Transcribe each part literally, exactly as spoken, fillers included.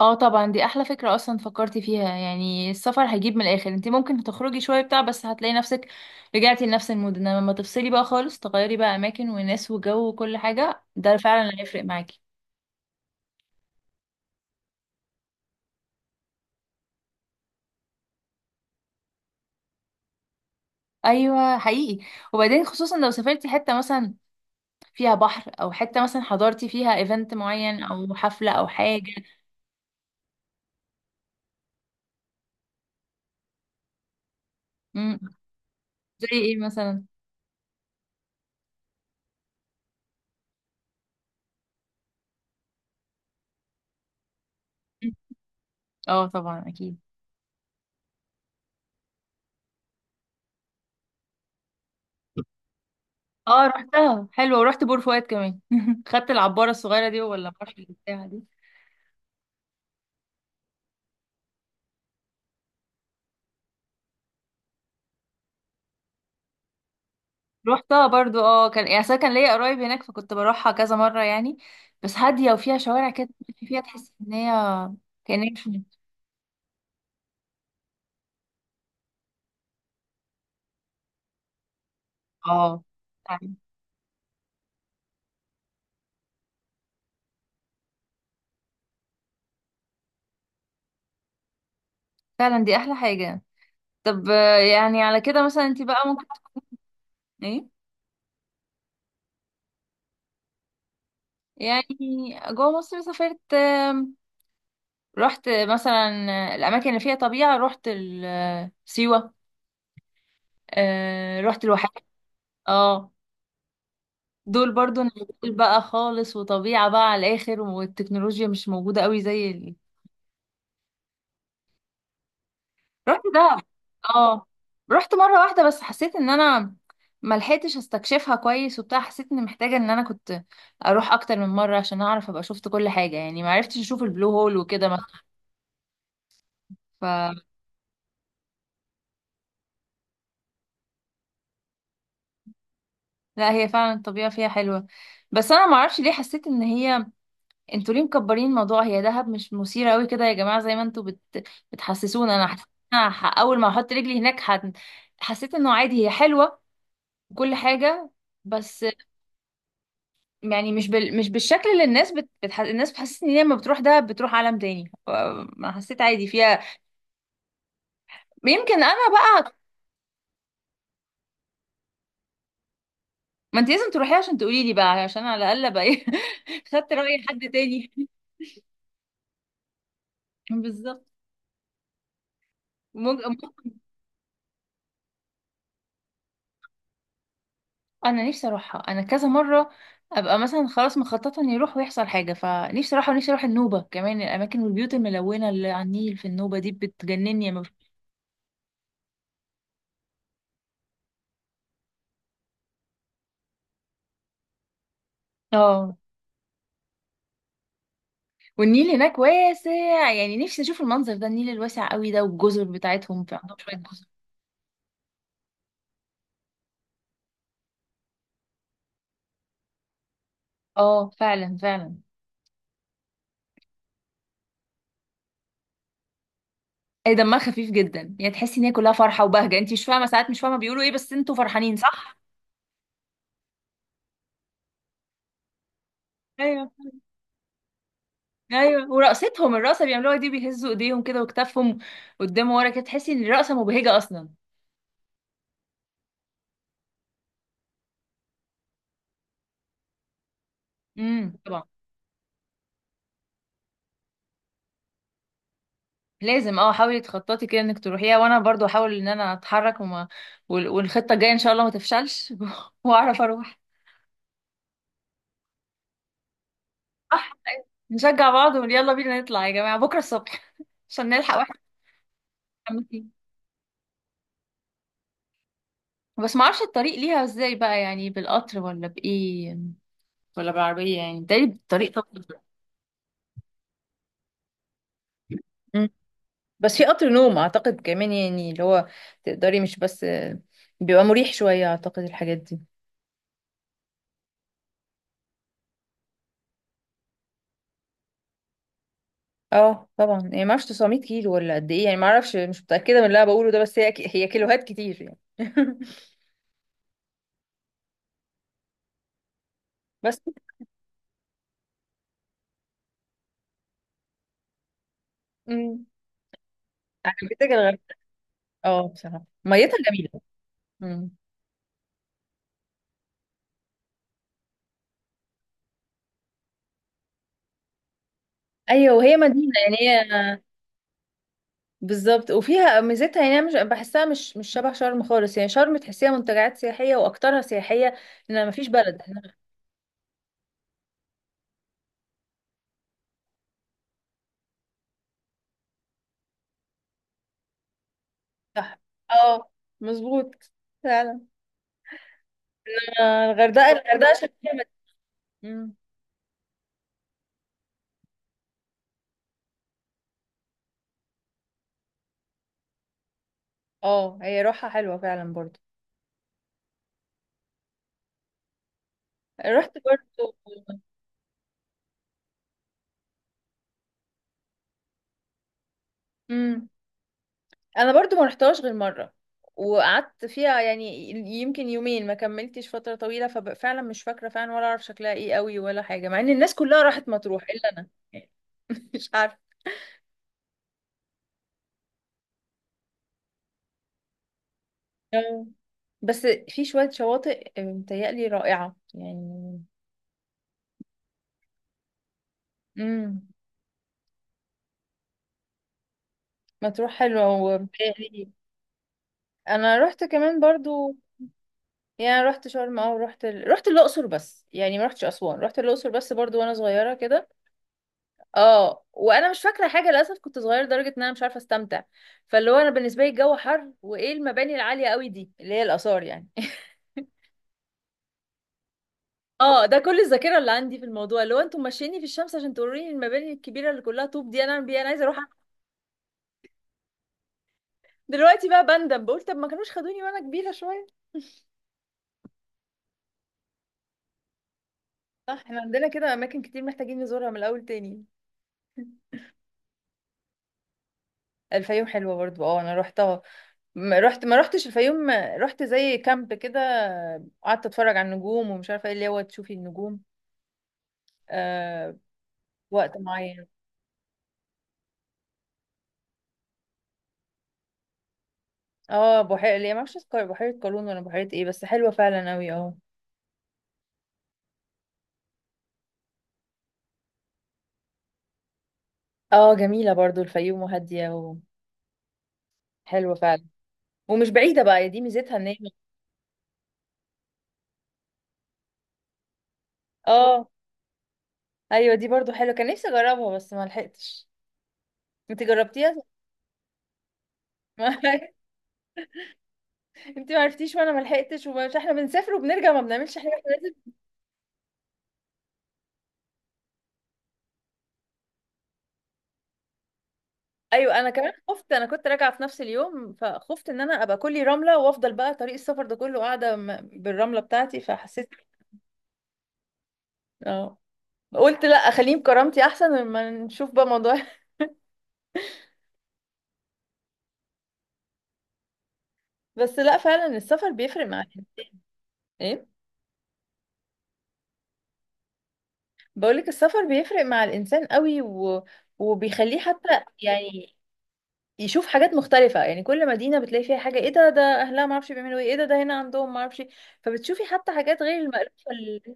اه طبعا، دي احلى فكرة اصلا فكرتي فيها. يعني السفر هيجيب من الاخر، انت ممكن تخرجي شوية بتاع بس هتلاقي نفسك رجعتي لنفس المود. انما لما تفصلي بقى خالص تغيري بقى اماكن وناس وجو وكل حاجة، ده فعلا اللي هيفرق معاكي. ايوه حقيقي. وبعدين خصوصا لو سافرتي حتة مثلا فيها بحر او حتة مثلا حضرتي فيها ايفنت معين او حفلة او حاجة. امم زي ايه مثلا؟ مم. اه طبعا اكيد. اه رحتها حلوة، ورحت بور فؤاد كمان خدت العبارة الصغيرة دي ولا البحر بتاعها دي؟ روحتها برضو اه، كان يعني أصل كان ليا قرايب هناك فكنت بروحها كذا مرة يعني. بس هادية وفيها شوارع كده تمشي فيها تحس ان هي كأنها مش من- اه. فعلا فعلا دي احلى حاجة. طب آه، يعني على كده مثلا انت بقى ممكن ايه يعني. جوه مصر سافرت، آم، رحت مثلا آه، الاماكن اللي فيها طبيعة. رحت ال- آه، سيوة، آه، رحت الواحات. اه دول برضو نزول بقى خالص، وطبيعة بقى على الآخر، والتكنولوجيا مش موجودة قوي زي رحت دهب. اه، رحت مره واحده بس حسيت ان انا ما لحقتش استكشفها كويس وبتاع. حسيت اني محتاجه ان انا كنت اروح اكتر من مره عشان اعرف ابقى شفت كل حاجه يعني، ما عرفتش اشوف البلو هول وكده مثلا. ف لا، هي فعلا الطبيعه فيها حلوه بس انا ما اعرفش ليه حسيت ان هي. انتوا ليه مكبرين الموضوع؟ هي دهب مش مثيره قوي كده يا جماعه زي ما انتوا بت... بتحسسونا. انا حسيت إن أنا ح- اول ما احط رجلي هناك ح... حسيت انه عادي، هي حلوه وكل حاجه. بس يعني مش بال... مش بالشكل اللي الناس بت... بتح... الناس بتحسسني ان هي لما بتروح ده بتروح عالم تاني، ف- ما حسيت، عادي فيها. يمكن انا بقى. ما انت لازم تروحي عشان تقولي لي بقى، عشان على الاقل ابقى ايه خدت راي حد تاني. بالظبط. مج... مج- انا نفسي اروحها انا كذا مره. ابقى مثلا خلاص مخططه اني اروح ويحصل حاجه، فنفسي اروحها، ونفسي اروح النوبه كمان. الاماكن والبيوت الملونه اللي على النيل في النوبه دي بتجنني لما بشوف- اه. والنيل هناك واسع يعني، نفسي اشوف المنظر ده، النيل الواسع قوي ده والجزر بتاعتهم، في عندهم شويه جزر. اه فعلا فعلا. اي، دمها خفيف جدا يعني، تحسي ان هي كلها فرحه وبهجه، انت مش فاهمه ساعات، مش فاهمه بيقولوا ايه بس انتوا فرحانين صح. ايوه. ايوه ورقصتهم الرقصه بيعملوها دي، بيهزوا ايديهم كده وكتافهم قدام ورا كده، تحسي ان الرقصه مبهجه اصلا. امم طبعا. لازم، اه حاولي تخططي كده انك تروحيها، وانا برضو احاول ان انا اتحرك وما وال- والخطه الجايه ان شاء الله ما تفشلش واعرف اروح. نشجع بعض ونقول يلا بينا نطلع يا جماعة بكرة الصبح عشان نلحق واحد نكمل فيه. بس ما اعرفش الطريق ليها ازاي بقى، يعني بالقطر ولا بايه ولا بالعربية، يعني ده الطريق طبعا. مم. بس في قطر نوم اعتقد كمان، يعني اللي هو تقدري مش بس بيبقى مريح شويه اعتقد الحاجات دي. اه طبعا، يعني ما اعرفش تسعمية كيلو ولا قد ايه يعني، ما اعرفش مش متاكده من اللي انا بقوله ده، بس هي ك- هي كيلوهات كتير يعني بس. أمم. عجبتك الغردقه؟ اه بصراحه ميتها جميله. مم. ايوه وهي مدينه، يعني هي. بالظبط، وفيها ميزتها يعني. أنا مش بحسها مش مش شبه شرم خالص، يعني شرم تحسيها منتجعات سياحيه واكترها سياحيه، ان مفيش بلد إنما- صح اه مظبوط فعلا. آه، الغردقه الغردقه عشان فيها مد- مم. اه هي روحها حلوه فعلا برضو. رحت برضو. مم. انا برضو ما رحتهاش غير مره، وقعدت فيها يعني يمكن يومين، ما كملتش فتره طويله، ففعلا مش فاكره فعلا ولا اعرف شكلها ايه قوي ولا حاجه، مع ان الناس كلها راحت مطروح الا انا مش عارفة. آه. بس في شوية شواطئ متهيألي رائعة يعني. امم. مطروح حلوة ومتهيألي. أنا رحت كمان برضو يعني، رحت شرم أو رحت ال... رحت الأقصر بس يعني. ما رحتش أسوان، رحت الأقصر بس برضو وأنا صغيرة كده. اه، وأنا مش فاكرة حاجة للأسف، كنت صغيرة لدرجة إن أنا مش عارفة أستمتع. فاللي هو أنا بالنسبة لي الجو حر وإيه المباني العالية قوي دي اللي هي الآثار يعني اه ده كل الذاكرة اللي عندي في الموضوع، اللي هو انتوا ماشييني في الشمس عشان توريني المباني الكبيرة اللي كلها طوب دي، أنا أعمل بيها؟ أنا عايزة أروح. دلوقتي بقى بندم، بقول طب ما كانوش خدوني وانا كبيرة شوية. صح، احنا عندنا كده اماكن كتير محتاجين نزورها من الاول تاني. الفيوم حلوه برضو، اه انا روحتها. ما رحت ما رحتش الفيوم، رحت زي كامب كده، قعدت اتفرج على النجوم ومش عارفه ايه، اللي هو تشوفي النجوم آه وقت معين. اه بحيره اللي هي ما اعرفش اسمها، بحيره قارون ولا بحيره ايه، بس حلوه فعلا قوي اه. اه جميله برضو الفيوم، وهاديه وحلوه فعلا. ومش بعيده بقى، دي ميزتها ان هي. اه ايوه دي برضو حلوه، كان نفسي اجربها بس ما لحقتش. انت جربتيها؟ انت ما عرفتيش وانا ما لحقتش، ومش احنا بنسافر وبنرجع ما بنعملش حاجه، احنا لازم. ايوه انا كمان خفت، انا كنت راجعه في نفس اليوم فخفت ان انا ابقى كلي رمله وافضل بقى طريق السفر ده كله قاعده م- بالرمله بتاعتي، فحسيت اه. قلت لا اخليهم كرامتي احسن لما نشوف بقى موضوع. بس لا، فعلا السفر بيفرق مع الإنسان. ايه؟ بقولك السفر بيفرق مع الانسان قوي، و... وبيخليه حتى يعني يشوف حاجات مختلفة يعني. كل مدينة بتلاقي فيها حاجة، ايه ده ده اهلها معرفش بيعملوا ايه، ايه ده ده هنا عندهم معرفش إيه. فبتشوفي حتى حاجات غير المألوفة ال-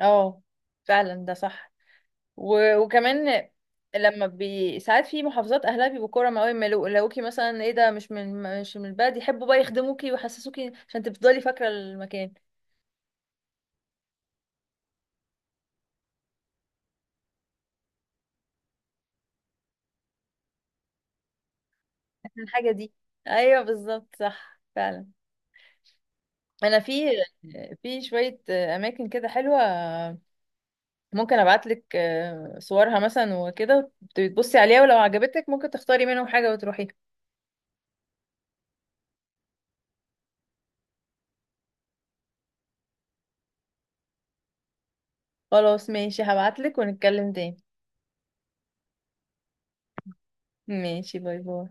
اه فعلا ده صح. و... وكمان لما بي... ساعات في محافظات اهلها بيبقوا كرم قوي، ما لو- لقوكي مثلا ايه ده مش من مش من البلد، يحبوا بقى يخدموكي ويحسسوكي عشان تفضلي فاكرة المكان، عشان الحاجة دي. ايوه بالظبط صح فعلا. انا في في شوية اماكن كده حلوة، ممكن ابعتلك آه، صورها مثلا وكده، تبصي عليها ولو عجبتك ممكن تختاري منهم حاجة وتروحيها. خلاص ماشي، هبعتلك ونتكلم تاني. ماشي، باي باي.